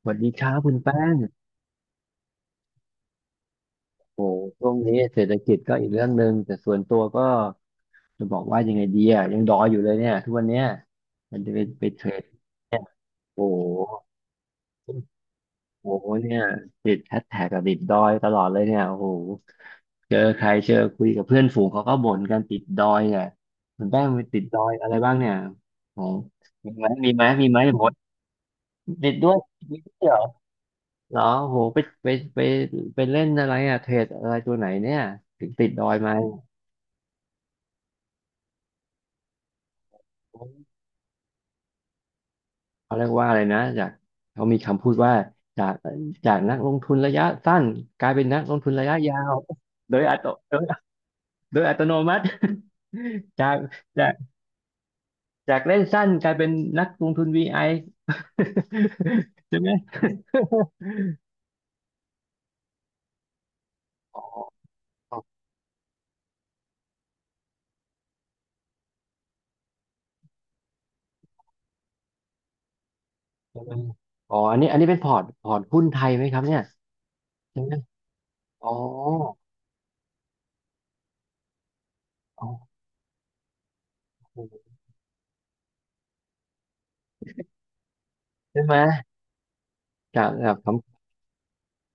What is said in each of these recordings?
สวัสดีครับคุณแป้งช่วงนี้เศรษฐกิจก็อีกเรื่องหนึ่งแต่ส่วนตัวก็จะบอกว่ายังไงดียังดอยอยู่เลยเนี่ยทุกวันเนี้ยมันจะไปเทรดเนี่ยโอ้โหโอ้โหเนี่ยติดแฮชแท็กกับติดดอยตลอดเลยเนี่ยโอ้โหเจอใครเจอคุยกับเพื่อนฝูงเขาก็บ่นกันติดดอยเนี่ยคุณแป้งไปติดดอยอะไรบ้างเนี่ยโอ้โหมีไหมมีไหมมีไหมหมดติดด้วยมีด้วยเหรอเหรอโอ้โหไปไปไปเล่นอะไรเทรดอะไรตัวไหนเนี่ยถึงติดดอยมา เขาเรียกว่าอะไรนะจากเขามีคำพูดว่าจากจากนักลงทุนระยะสั้นกลายเป็นนักลงทุนระยะยาวโดยอัตโนโดยโดยอัตโนมัติ จากจากจากเล่นสั้นกลายเป็นนักลงทุนวีไอ ใช่ไหมอ๋อใช่ไหมอ๋ออันนี้เป็นพอร์ตหุ้นไทยไหมครับเนี่ยใช่ไหมอ๋ออ๋อใช่ไหมจากคำ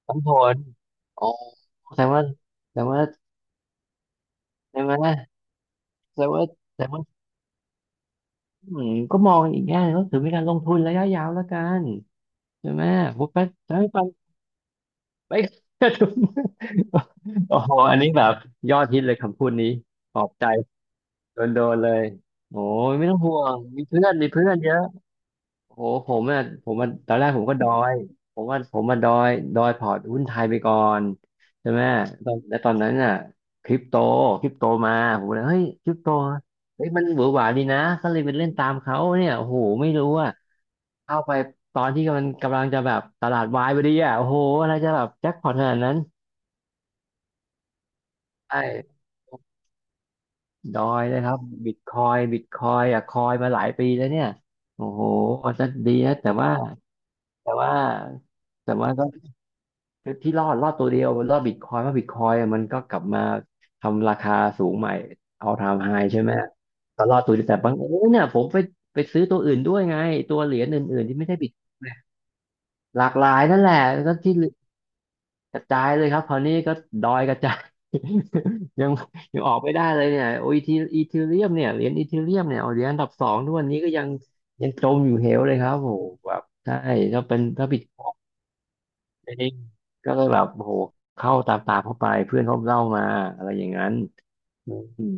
คำผลอ๋อแสดงว่าแสดงว่าใช่ไหมแสดงว่าแสดงว่า อืมก็มองอีกแง่หนึ่งก็ถือเป็นการลงทุนระยะยาวแล้วกันใช่ไหมพูดไปใช้ฟังไป โอ้โหอันนี้แบบยอดฮิตเลยคำพูดนี้ปลอบใจโดนเลยโอ้ยไม่ต้องห่วงมีเพื่อนเยอะโอ้โหผมตอนแรกผมก็ดอยผมว่าผมมาดอยพอร์ตหุ้นไทยไปก่อนใช่ไหมตอนแล้วตอนนั้นน่ะคริปโตมาผมเลยเฮ้ยคริปโตเฮ้ยมันหวือหวาดีนะก็เลยไปเล่นตามเขาเนี่ยโอ้โหไม่รู้ว่า เข้าไปตอนที่มันกำลังจะแบบตลาดวายพอดีโอ้โหอะไรจะแบบแจ็คพอตขนาดนั้นใช่ดอยเลยครับบิตคอยคอยมาหลายปีแล้วเนี่ยโอ้โหมันจะดีนะแต่ว่าแต่ว่าก็ที่รอดตัวเดียวรอดบิตคอยเพราะบิตคอยมันก็กลับมาทำราคาสูงใหม่เอาทำไฮใช่ไหมก็รอดตัวเดียวแต่บางเอญเนี่ยผมไปซื้อตัวอื่นด้วยไงตัวเหรียญอื่นๆที่ไม่ใช่บิตคอยน์หลากหลายนั่นแหละแล้วที่ กระจายเลยครับคราวนี้ก็ดอยกระจาย ยังยังออกไม่ได้เลยเนี่ยโอ้ยทีอีเทเรียมเนี่ยเหรียญอีเทเรียมเนี่ยเอาเหรียญอันดับสองทุกวันนี้ก็ยังจมอยู่เหวเลยครับโอ้โหแบบใช่ถ้าเป็นถ้าบิตคอยน์เองก็เลยแบบโอ้โหเข้าตามเข้าไปเพื่อนเขาเล่ามาอะไรอย่างนั้นอืม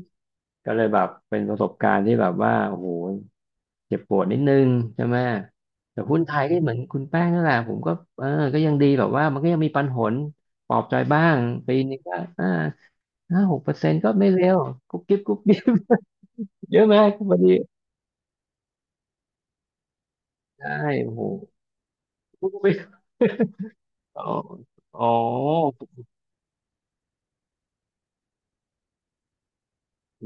ก็เลยแบบเป็นประสบการณ์ที่แบบว่าโอ้โห เจ็บปวดนิดนึงใช่ไหมแต่หุ้นไทยก็เหมือนคุณแป้งนั่นแหละผมก็เออก็ยังดีแบบว่ามันก็ยังมีปันผลปลอบใจบ้างปีนึงก็อ่าห้าหกเปอร์เซ็นต์ก็ไม่เร็วกุ๊บกิ๊บกุ๊บกิ๊บเยอะไหมคุณพอดีใช่โอ้โหกุ๊บกิ๊บอ๋ออ๋ออื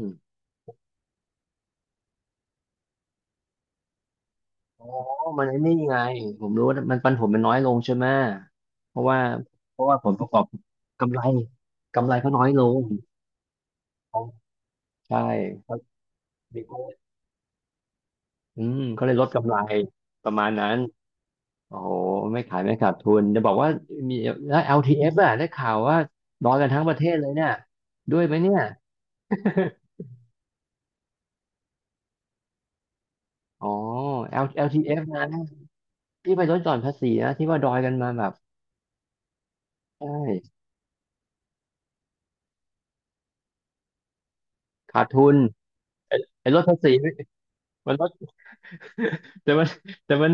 มอ๋อมันไอ้นี่ไงผมรู้ว่ามันปันผลมันน้อยลงใช่ไหมเพราะว่าผลประกอบกำไรเขาน้อยลงใช่ครับ อืมเขาเลยลดกำไรประมาณนั้นโอ้โหไม่ขายไม่ขาดทุนจะบอกว่ามีแล้ว LTF อลทีเอฟอะได้ข่าวว่ารอยกันทั้งประเทศเลยเนี่ยด้วยไหมเนี่ยอ๋อ L LTF นะที่ไปลดหย่อนภาษีนะที่ว่าดอยกันมาแบบใช่ขาดทุนไอ้ไอ้ลดภาษีมันลด แต่มันแต่มัน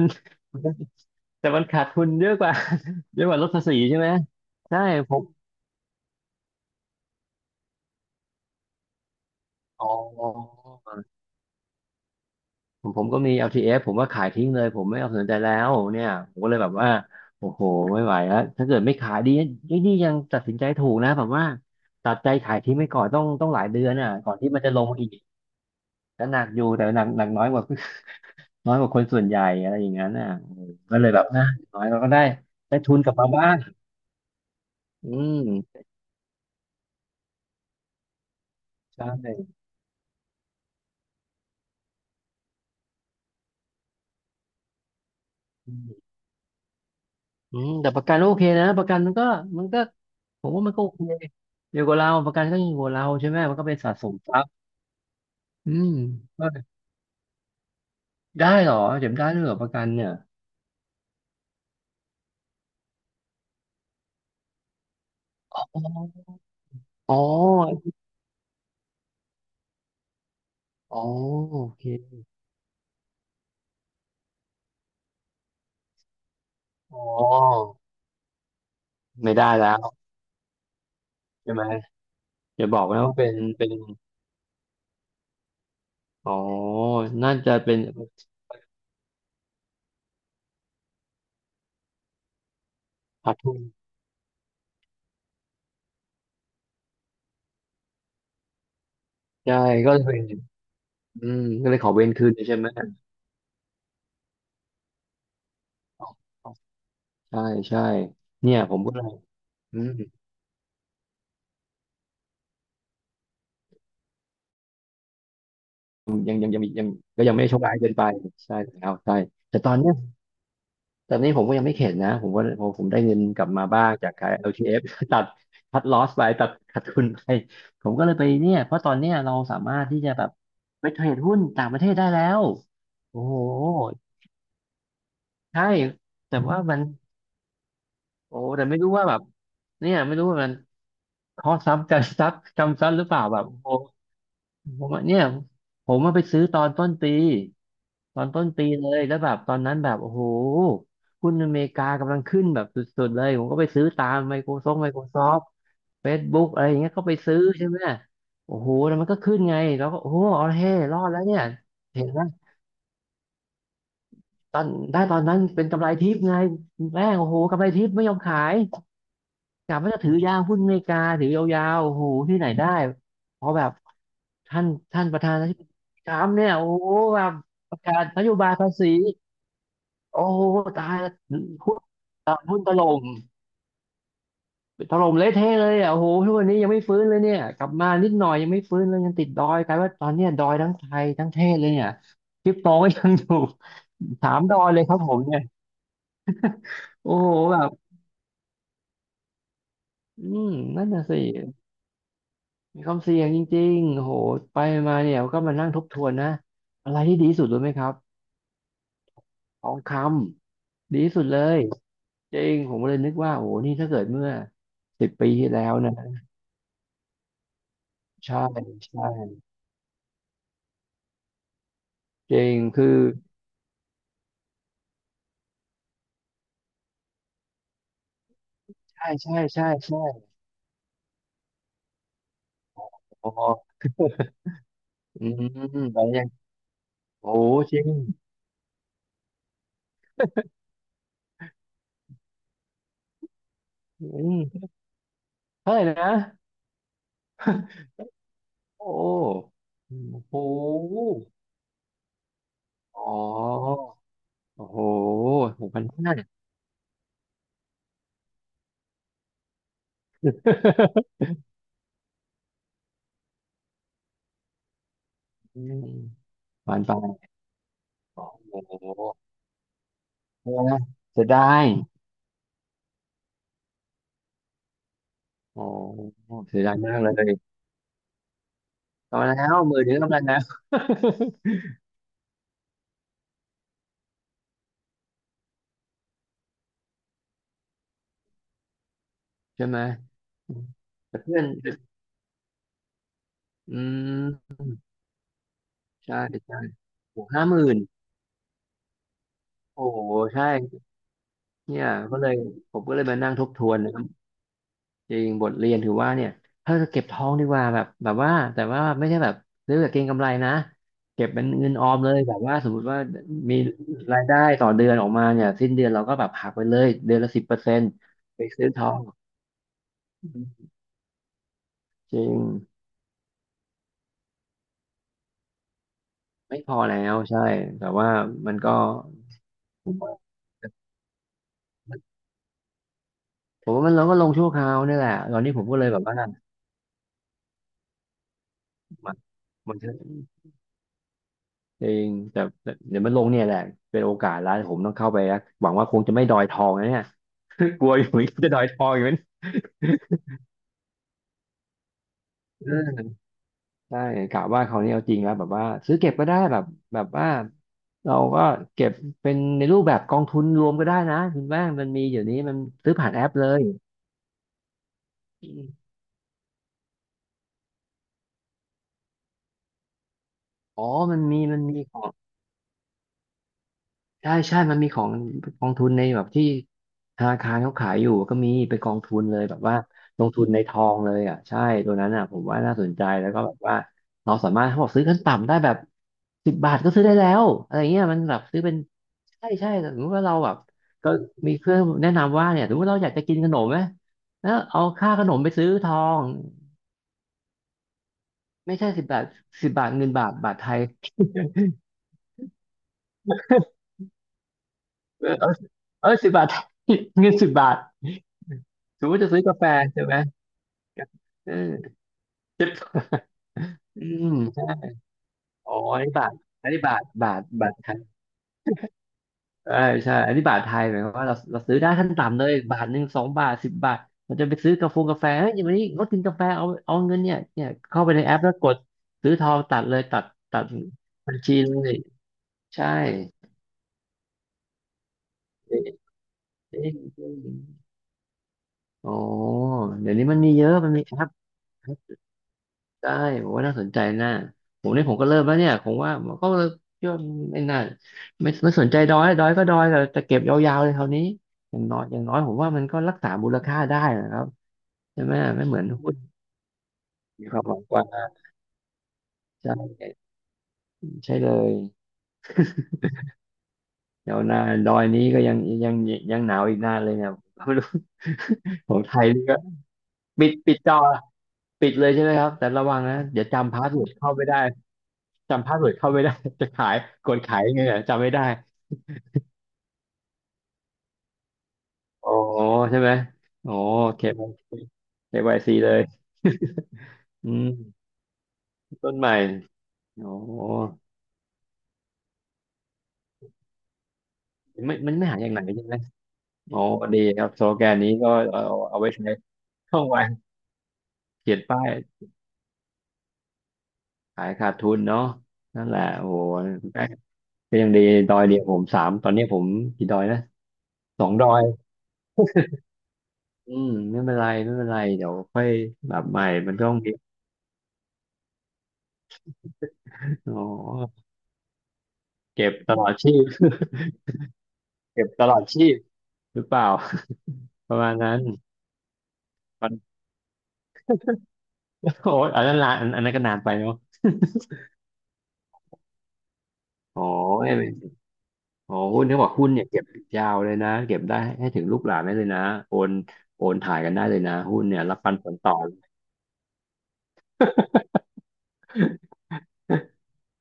แต่มันขาดทุนเยอะกว่าเยอะกว่าลดภาษีใช่ไหมใช่ผมอ๋อ ผมก็มี LTF ผมว่าขายทิ้งเลย ผมไม่เอาสนใจแล้วเนี่ยผมก็เลยแบบว่า โอ้โหไม่ไหวแล้วถ้าเกิดไม่ขายดีนี่นี่ยังตัดสินใจถูกนะแบบว่าตัดใจขายทิ้งไปก่อนต้องหลายเดือนก่อนที่มันจะลงอีกก็หนักอยู่แต่หนักน้อยกว่า น้อยกว่าคนส่วนใหญ่อะไรอย่างนั้นเออก็เลยแบบนะน้อยเราก็ได้ได้ทุนกลับมาบ้างอืมใช่อืมอืมแต่ประกันโอเคนะประกันมันก็มันก็ ผมว่ามันก็โอเคอยู่กับเราประกันก็อยู่กับเราใช่ไหมมันก็เป็นสะสมทรัพย์อืม ได้เหรอเจ็บได้ด้วยเหรอประกันเนี่ยอ๋ออ๋ออ๋อโอเคอ๋อไม่ได้แล้วใช่ไหมอย่าบอกนะว่าเป็นอ๋อน่าจะเป็นขาดทุนใช่ก็เลยเป็นอืมก็เลยขอเว้นคืนใช่ไหมอ๋ออ๋อใช่ใช่เนี่ยผมก็เลยอืมยังก็ยังไม่ได้โชคร้ายเกินไปใช่แล้วใช่แต่ตอนเนี้ย แต่นี่ผมก็ยังไม่เข็ดนะผมก็ผมผมได้เงินกลับมาบ้างจากขาย LTF ตัดคัดลอสไปตัดขาดทุนไป ผมก็เลยไปเนี่ย เพราะตอนเนี้ยเราสามารถที่จะแบบไปเทรดหุ้นต่างประเทศได้แล้ว โอ้โห ใช่ แต่ว่ามัน โอ้แต่ไม่รู้ว่าแบบ เนี่ยไม่รู้ว่ามันคอสซ้ำกันซักจำซ้ำหรือเปล่าแบบโอ้ ผมว่าเนี่ยผมมาไปซื้อตอนต้นปีเลยแล้วแบบตอนนั้นแบบโอ้โหหุ้นอเมริกากำลังขึ้นแบบสุดๆเลยผมก็ไปซื้อตาม Microsoft Facebook อะไรอย่างเงี้ยก็ไปซื้อใช่ไหมโอ้โหแล้วมันก็ขึ้นไงแล้วก็โอ้โหเอาเฮ้รอดแล้วเนี่ยเห็นไหมตอนได้ตอนนั้นเป็นกำไรทิพย์ไงแม่งโอ้โหกำไรทิพย์ไม่ยอมขาย กะว่าจะถือยาวหุ้นอเมริกาถือยาวๆโอ้โหที่ไหนได้พอแบบท่านท่านประธานาธิบดีทรัมป์เนี่ยโอ้โหแบบประกาศนโยบายภาษีโอ้โหตายแล้วหุ้นตายหุ้นถล่มถล่มเละเทะเลยอ่ะโอ้โหทุกวันนี้ยังไม่ฟื้นเลยเนี่ยกลับมานิดหน่อยยังไม่ฟื้นเลยยังติดดอยกลายว่าตอนเนี้ยดอยทั้งไทยทั้งเทศเลยเนี่ยคริปโตก็ยังอยู่ ถามดอยเลยครับผมเนี่ยโอ้โหแบบอืมนั่นน่ะสิ มีความเสี่ยงจริงๆโหไปมาเนี่ยก็มานั่งทบทวนนะ อะไรที่ดีที่สุดรู้ไหมครับทองคำ ดีที่สุดเลยจริงผมเลยนึกว่าโอ้โหนี่ถ้าเกิดเมื่อ10 ปีที่แล้วนะ ใช่ใช่จริงคือ ใช่ใช่ใช่ใช่โอ้โห อืมอะไรยังโอ้โห จริงอืมเท่าไหร่นะโอ้โหอ๋อโอ้โห6,500 อืม ผ่านไปโอ้โห เออนะเสียดายโอ้เสียดายมากเลยกำลังแล้วมือถือกำลังแล้ว ใช่ไหมแต่เพื่อนอืมใช่ใช่โอ้50,000 โอ้โหใช่เนี่ยก็เลยผมก็เลยมานั่งทบทวนนะครับจริงบทเรียนถือว่าเนี่ยถ้าจะเก็บทองดีกว่าแบบแบบว่าแต่ว่าไม่ใช่แบบซื้อแบบเก็งกำไรนะเก็บเป็นเงินออมเลยแบบว่าสมมติว่ามีรายได้ต่อเดือนออกมาเนี่ยสิ้นเดือนเราก็แบบหักไปเลยเดือนละ10%ไปซื้อทอง จริงไม่พอแล้วใช่แต่ว่ามันก็ผมว่าผมว่ามันเราก็ลงชั่วคราวนี่แหละตอนนี้ผมก็เลยแบบว่านมันจะจริงแต่แต่เดี๋ยวมันลงเนี่ยแหละเป็นโอกาสแล้วผมต้องเข้าไปนะหวังว่าคงจะไม่ดอยทองนะเนี่ย กลัวอยู่เหมือนกันจะดอยทองอยู่เหมือนกันเออใช่กะว่าคราวนี้เอาจริงแล้วแบบว่าซื้อเก็บก็ได้แบบแบบว่าเราก็เก็บเป็นในรูปแบบกองทุนรวมก็ได้นะคุณแม่งมันมีเดี๋ยวนี้มันซื้อผ่านแอปเลยอ๋อมันมีของ ใช่ใช่ มันมีของกองทุนในแบบที่ธนาคารเขาขายอยู่ก็มีไปนกองทุนเลยแบบว่าลงทุนในทองเลยอ่ะใช่ตัวนั้นอ่ะผมว่าน่าสนใจแล้วก็แบบว่าเราสามารถเขาบอกซื้อขั้นต่ำได้แบบสิบบาทก็ซื้อได้แล้วอะไรเงี้ยมันแบบซื้อเป็นใช่ใช่สมมติว่าเราแบบก็มีเพื่อนแนะนำว่าเนี่ยสมมติเราอยากจะกินขนมไหมแล้วเอาค่าขนมไปซื้อทองไม่ใช่สิบบาทสิบบาทเงินบาทบาทไทย เออเออเออ10 บาท เงิน10 บาทสมมติจะซื้อกาแฟใช่ไหมเออสิบ อืมอ๋ออันนี้บาทอันนี้บาทบาทบาทไทยใช่ใช่อันนี้บาทไทยหมายความว่าเราเราซื้อได้ขั้นต่ำเลยบาทหนึ่ง2 บาทสิบบาทเราจะไปซื้อกาแฟงกาแฟเฮ้ยวันนี้งดกินกาแฟเอาเงินเนี่ยเข้าไปในแอปแล้วกดซื้อทองตัดเลยตัดบัญชีเลยใช่เอ๊ะเอ๊ะเอ๊ะอ๋อเดี๋ยวนี้มันมีเยอะมันมีแอป ได้ผมว่าน่าสนใจน่าผมเนี่ยผมก็เริ่มแล้วเนี่ยผมว่าผมก็เยคิไม่น่าไม่สนใจดอยดอยก็ดอยแต่จะเก็บยาวๆเลยคราวนี้อย่างน้อยผมว่ามันก็รักษามูลค่าได้นะครับใช่ไหมไม่เหมือนหุ้นมีความหวังกว่าใช่ใช่เลยเดี๋ยวหนาดอยนี้ก็ยังยังหนาวอีกนานเลยเนี่ย ผมก็ไม่รู้ ของไทยนี่ก็ปิดจอปิดเลยใช่ไหมครับแต่ระวังนะเดี๋ยวจำพาสเวิร์ดเข้าไม่ได้จำพาสเวิร์ดเข้าไม่ได้จะขายกดขายยังไงเนี่ยจำไม่ได้ อ๋อใช่ไหมอ๋อ KYC ซีเควายซีเลยอืมต้นใหม่อ๋อไม่มันไม่หาอย่างไหนใช่ไหมอ๋อดีครับสโลแกนนี้ก็เอาเอาไว้ใช้ช่องวันเขียนป้ายขายขาดทุนเนาะนั่นแหละโอ้โหก็ยังดีดอยเดียวผมสามตอนนี้ผมกี่ดอยนะสองดอยอืมไม่เป็นไรไม่เป็นไรเดี๋ยวค่อยแบบใหม่มันต้องมีอ๋อเก็บตลอดชีพเก็บตลอดชีพหรือเปล่าประมาณนั้นมัน โอ้ยอันนั้นละอันอันนั้นก็นานไปเนาะ โอ้ยโอ้หุ้นเขาบอกหุ้นเนี่ยเก็บยาวเลยนะเก็บได้ให้ถึงลูกหลานได้เลยนะโอนโอนถ่ายกันได้เลยนะหุ้นเนี่ยรับปันผลต่อ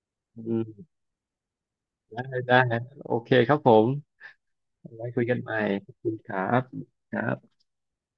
อืมได้ได้โอเคครับผมไว้คุยกันใหม่ขอบคุณครับครับ